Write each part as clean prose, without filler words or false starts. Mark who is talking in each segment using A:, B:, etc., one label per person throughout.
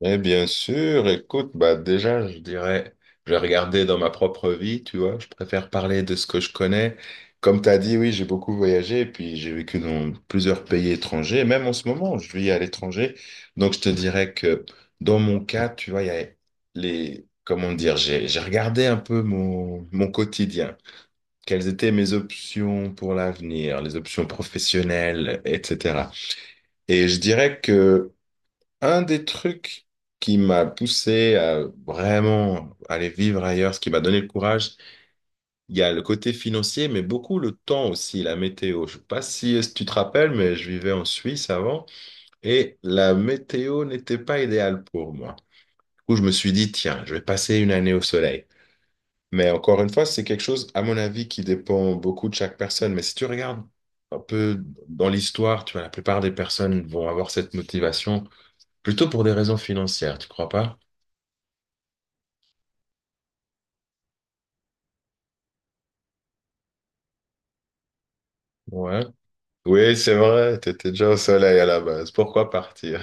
A: Eh bien sûr, écoute, bah déjà, je dirais, je vais regarder dans ma propre vie, tu vois, je préfère parler de ce que je connais. Comme tu as dit, oui, j'ai beaucoup voyagé, puis j'ai vécu dans plusieurs pays étrangers, même en ce moment, je vis à l'étranger. Donc, je te dirais que dans mon cas, tu vois, il y a les, comment dire, j'ai regardé un peu mon quotidien, quelles étaient mes options pour l'avenir, les options professionnelles, etc. Et je dirais que un des trucs qui m'a poussé à vraiment aller vivre ailleurs, ce qui m'a donné le courage, il y a le côté financier, mais beaucoup le temps aussi, la météo. Je sais pas si tu te rappelles, mais je vivais en Suisse avant et la météo n'était pas idéale pour moi. Du coup, je me suis dit, tiens, je vais passer une année au soleil. Mais encore une fois, c'est quelque chose, à mon avis, qui dépend beaucoup de chaque personne. Mais si tu regardes un peu dans l'histoire, tu vois, la plupart des personnes vont avoir cette motivation plutôt pour des raisons financières, tu crois pas? Ouais. Oui, c'est vrai, t'étais déjà au soleil à la base. Pourquoi partir?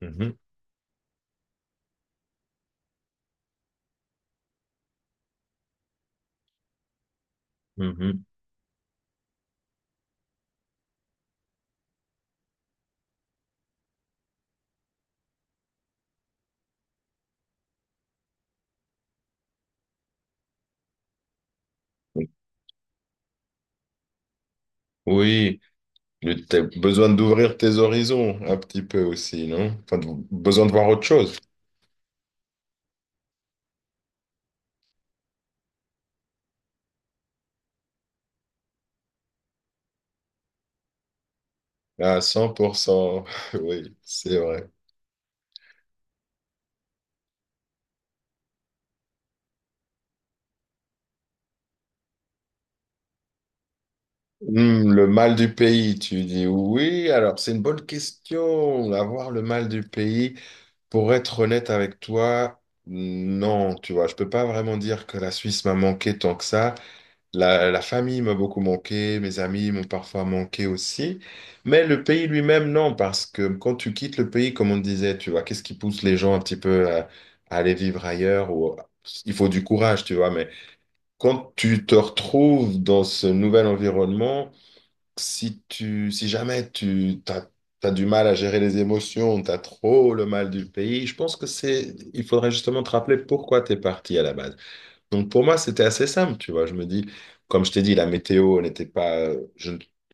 A: Mhm, mhm. Oui, t'as besoin d'ouvrir tes horizons un petit peu aussi, non? Enfin, besoin de voir autre chose. À 100%, oui, c'est vrai. Hmm, le mal du pays, tu dis oui. Alors, c'est une bonne question. Avoir le mal du pays, pour être honnête avec toi, non, tu vois, je peux pas vraiment dire que la Suisse m'a manqué tant que ça. La famille m'a beaucoup manqué, mes amis m'ont parfois manqué aussi, mais le pays lui-même, non, parce que quand tu quittes le pays, comme on disait, tu vois, qu'est-ce qui pousse les gens un petit peu à aller vivre ailleurs ou il faut du courage, tu vois, mais quand tu te retrouves dans ce nouvel environnement, si tu, si jamais tu t'as, t'as du mal à gérer les émotions, t'as trop le mal du pays, je pense que c'est, il faudrait justement te rappeler pourquoi t'es parti à la base. Donc pour moi, c'était assez simple, tu vois. Je me dis, comme je t'ai dit, la météo n'était pas... Je,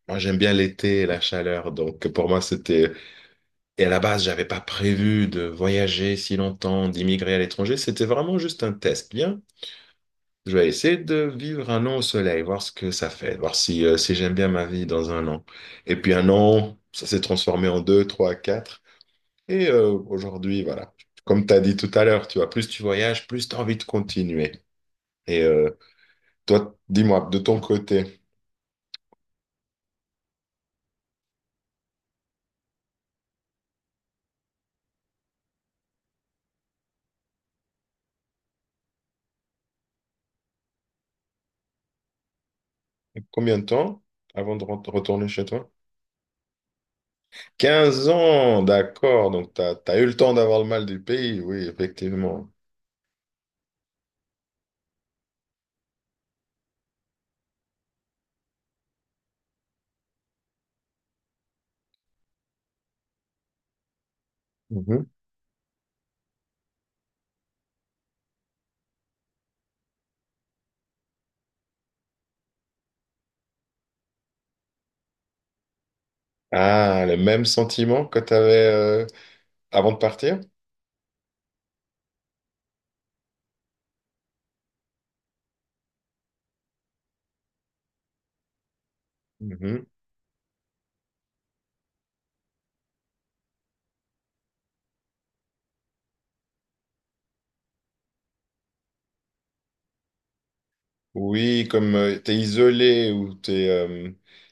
A: moi, j'aime bien l'été et la chaleur, donc pour moi, c'était... Et à la base, j'avais pas prévu de voyager si longtemps, d'immigrer à l'étranger. C'était vraiment juste un test. Bien, je vais essayer de vivre un an au soleil, voir ce que ça fait, voir si, si j'aime bien ma vie dans un an. Et puis un an, ça s'est transformé en deux, trois, quatre. Aujourd'hui, voilà. Comme tu as dit tout à l'heure, tu vois, plus tu voyages, plus tu as envie de continuer. Et euh, Toi, dis-moi, de ton côté, combien de temps avant de retourner chez toi? 15 ans, d'accord. Donc, tu as, eu le temps d'avoir le mal du pays, oui, effectivement. Mhm. Ah, le même sentiment que tu avais avant de partir? Oui, comme t'es isolé ou t'es...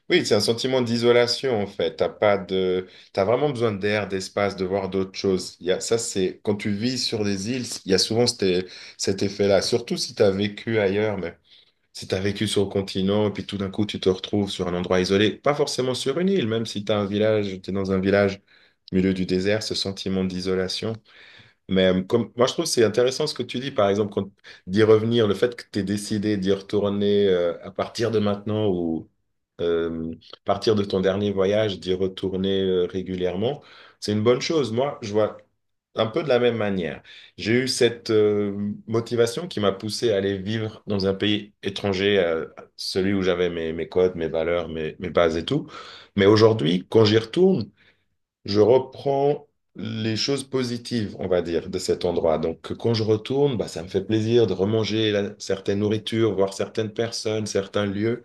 A: Oui, c'est un sentiment d'isolation en fait. T'as pas de... T'as vraiment besoin d'air, d'espace, de voir d'autres choses. Il y a... Ça, c'est... Quand tu vis sur des îles, il y a souvent cet effet-là. Surtout si t'as vécu ailleurs, mais si t'as vécu sur le continent, et puis tout d'un coup, tu te retrouves sur un endroit isolé. Pas forcément sur une île, même si t'as un village, t'es dans un village au milieu du désert, ce sentiment d'isolation. Mais comme, moi, je trouve que c'est intéressant ce que tu dis, par exemple, d'y revenir, le fait que tu aies décidé d'y retourner à partir de maintenant ou à partir de ton dernier voyage, d'y retourner régulièrement, c'est une bonne chose. Moi, je vois un peu de la même manière. J'ai eu cette motivation qui m'a poussé à aller vivre dans un pays étranger, celui où j'avais mes codes, mes valeurs, mes bases et tout. Mais aujourd'hui, quand j'y retourne, je reprends les choses positives, on va dire, de cet endroit. Donc, quand je retourne, bah, ça me fait plaisir de remanger certaines nourritures, voir certaines personnes, certains lieux.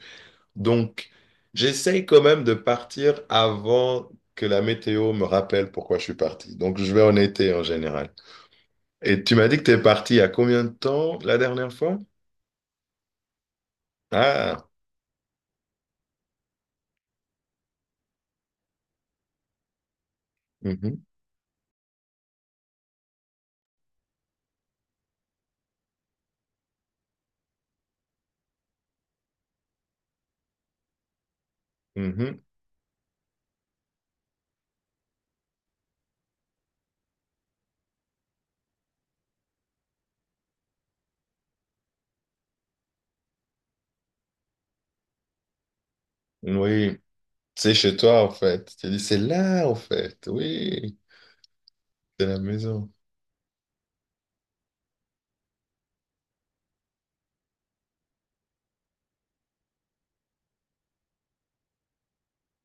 A: Donc, j'essaye quand même de partir avant que la météo me rappelle pourquoi je suis parti. Donc, je vais en été en général. Et tu m'as dit que tu es parti il y a combien de temps la dernière fois? Ah, mhm, mhm. Oui, c'est chez toi en fait. Tu dis, c'est là en fait. Oui, c'est la maison.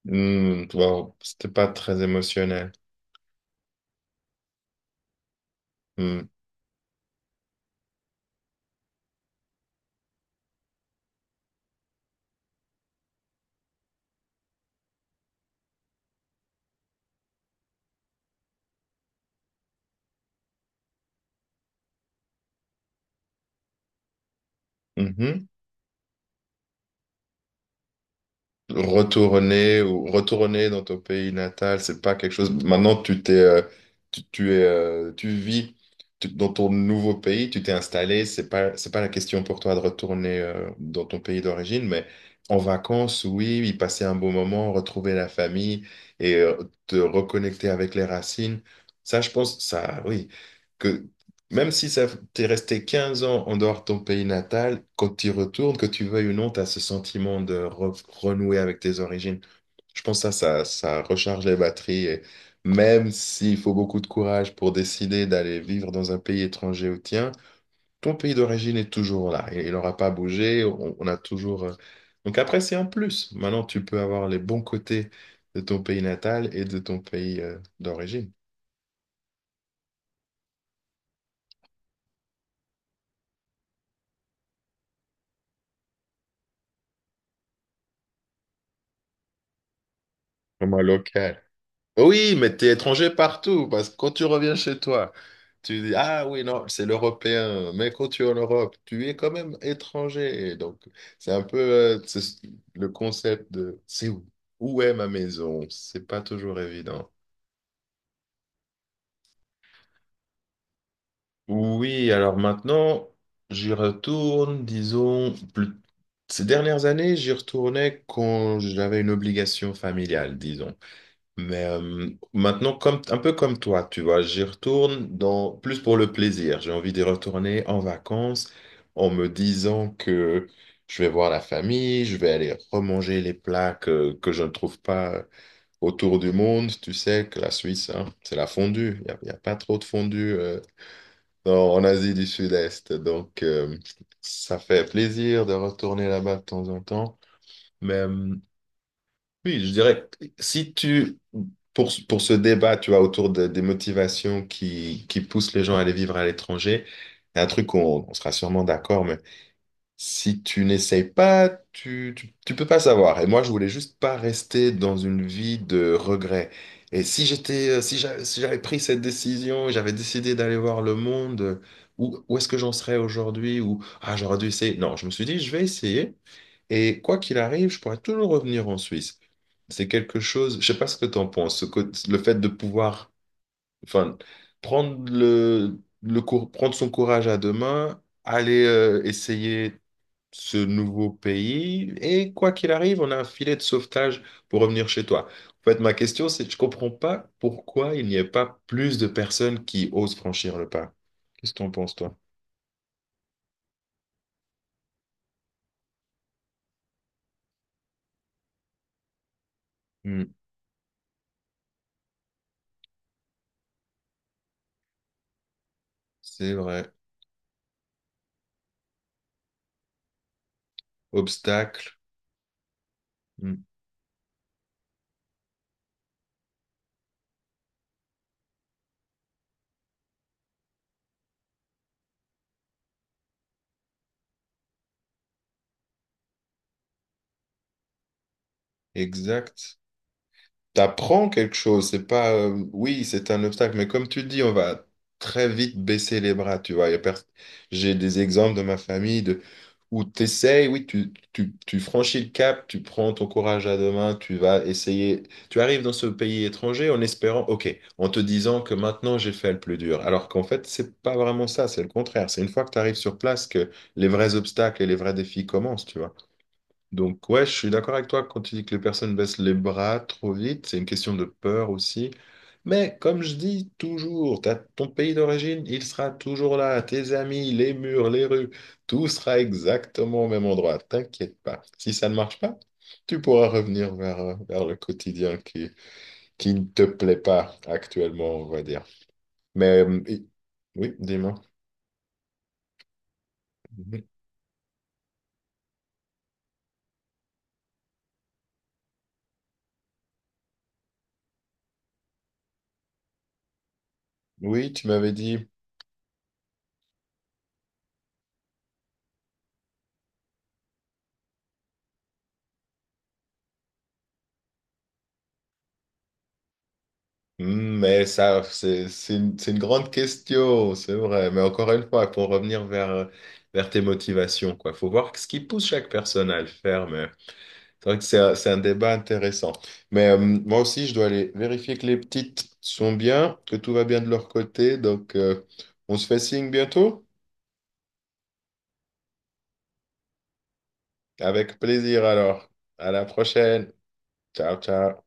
A: Hmm, wow, c'était pas très émotionnel. Hmm, mhm. Retourner ou retourner dans ton pays natal, c'est pas quelque chose. Maintenant, tu t'es, tu, tu es, tu vis dans ton nouveau pays, tu t'es installé. C'est pas la question pour toi de retourner dans ton pays d'origine, mais en vacances, oui, y passer un bon moment, retrouver la famille et te reconnecter avec les racines. Ça, je pense, ça, oui. Même si ça, t'es resté 15 ans en dehors de ton pays natal, quand tu y retournes, que tu veuilles ou non, t'as ce sentiment de renouer avec tes origines. Je pense que ça, ça recharge les batteries. Et même s'il faut beaucoup de courage pour décider d'aller vivre dans un pays étranger au tien, ton pays d'origine est toujours là. Il n'aura pas bougé. On a toujours. Donc après, c'est un plus. Maintenant, tu peux avoir les bons côtés de ton pays natal et de ton pays, d'origine. Vraiment local. Oui, mais t'es étranger partout, parce que quand tu reviens chez toi, tu dis, ah oui, non, c'est l'Européen, mais quand tu es en Europe, tu es quand même étranger. Et donc, c'est un peu le concept de, c'est où? Où est ma maison? C'est pas toujours évident. Oui, alors maintenant, j'y retourne, disons, ces dernières années, j'y retournais quand j'avais une obligation familiale, disons. Mais maintenant, comme, un peu comme toi, tu vois, j'y retourne dans, plus pour le plaisir. J'ai envie d'y retourner en vacances en me disant que je vais voir la famille, je vais aller remanger les plats que je ne trouve pas autour du monde. Tu sais que la Suisse, hein, c'est la fondue. Il n'y a, y a pas trop de fondue en Asie du Sud-Est. Donc, ça fait plaisir de retourner là-bas de temps en temps. Mais oui, je dirais, que si tu, pour ce débat, tu vois, des motivations qui poussent les gens à aller vivre à l'étranger, il y a un truc qu'on on sera sûrement d'accord, mais si tu n'essayes pas, tu peux pas savoir. Et moi, je voulais juste pas rester dans une vie de regret. Et si j'étais, si j'avais pris cette décision, j'avais décidé d'aller voir le monde, où, où est-ce que j'en serais aujourd'hui? Ou, ah, j'aurais dû essayer. Non, je me suis dit, je vais essayer. Et quoi qu'il arrive, je pourrais toujours revenir en Suisse. C'est quelque chose, je sais pas ce que tu en penses, le fait de pouvoir, enfin, prendre prendre son courage à deux mains, aller essayer ce nouveau pays, et quoi qu'il arrive, on a un filet de sauvetage pour revenir chez toi. En fait, ma question, c'est que je comprends pas pourquoi il n'y a pas plus de personnes qui osent franchir le pas. Qu'est-ce que t'en penses, toi? Hmm, c'est vrai. Obstacle. Hmm, exact. T'apprends quelque chose. C'est pas, oui, c'est un obstacle, mais comme tu dis, on va très vite baisser les bras, tu vois. Y a pers- J'ai des exemples de ma famille de, où tu essayes, oui, tu franchis le cap, tu prends ton courage à deux mains, tu vas essayer. Tu arrives dans ce pays étranger en espérant, OK, en te disant que maintenant j'ai fait le plus dur. Alors qu'en fait, c'est pas vraiment ça, c'est le contraire. C'est une fois que tu arrives sur place que les vrais obstacles et les vrais défis commencent, tu vois. Donc ouais, je suis d'accord avec toi quand tu dis que les personnes baissent les bras trop vite, c'est une question de peur aussi. Mais comme je dis toujours, t'as ton pays d'origine, il sera toujours là, tes amis, les murs, les rues, tout sera exactement au même endroit, t'inquiète pas. Si ça ne marche pas, tu pourras revenir vers, vers le quotidien qui ne te plaît pas actuellement, on va dire. Mais oui, dis-moi. Mhm. Oui, tu m'avais dit... Hmm, mais ça, c'est une grande question, c'est vrai. Mais encore une fois, pour revenir vers, vers tes motivations, quoi. Faut voir ce qui pousse chaque personne à le faire. Mais c'est vrai que c'est un débat intéressant. Mais moi aussi, je dois aller vérifier que les petites sont bien, que tout va bien de leur côté. Donc, on se fait signe bientôt. Avec plaisir alors. À la prochaine. Ciao, ciao.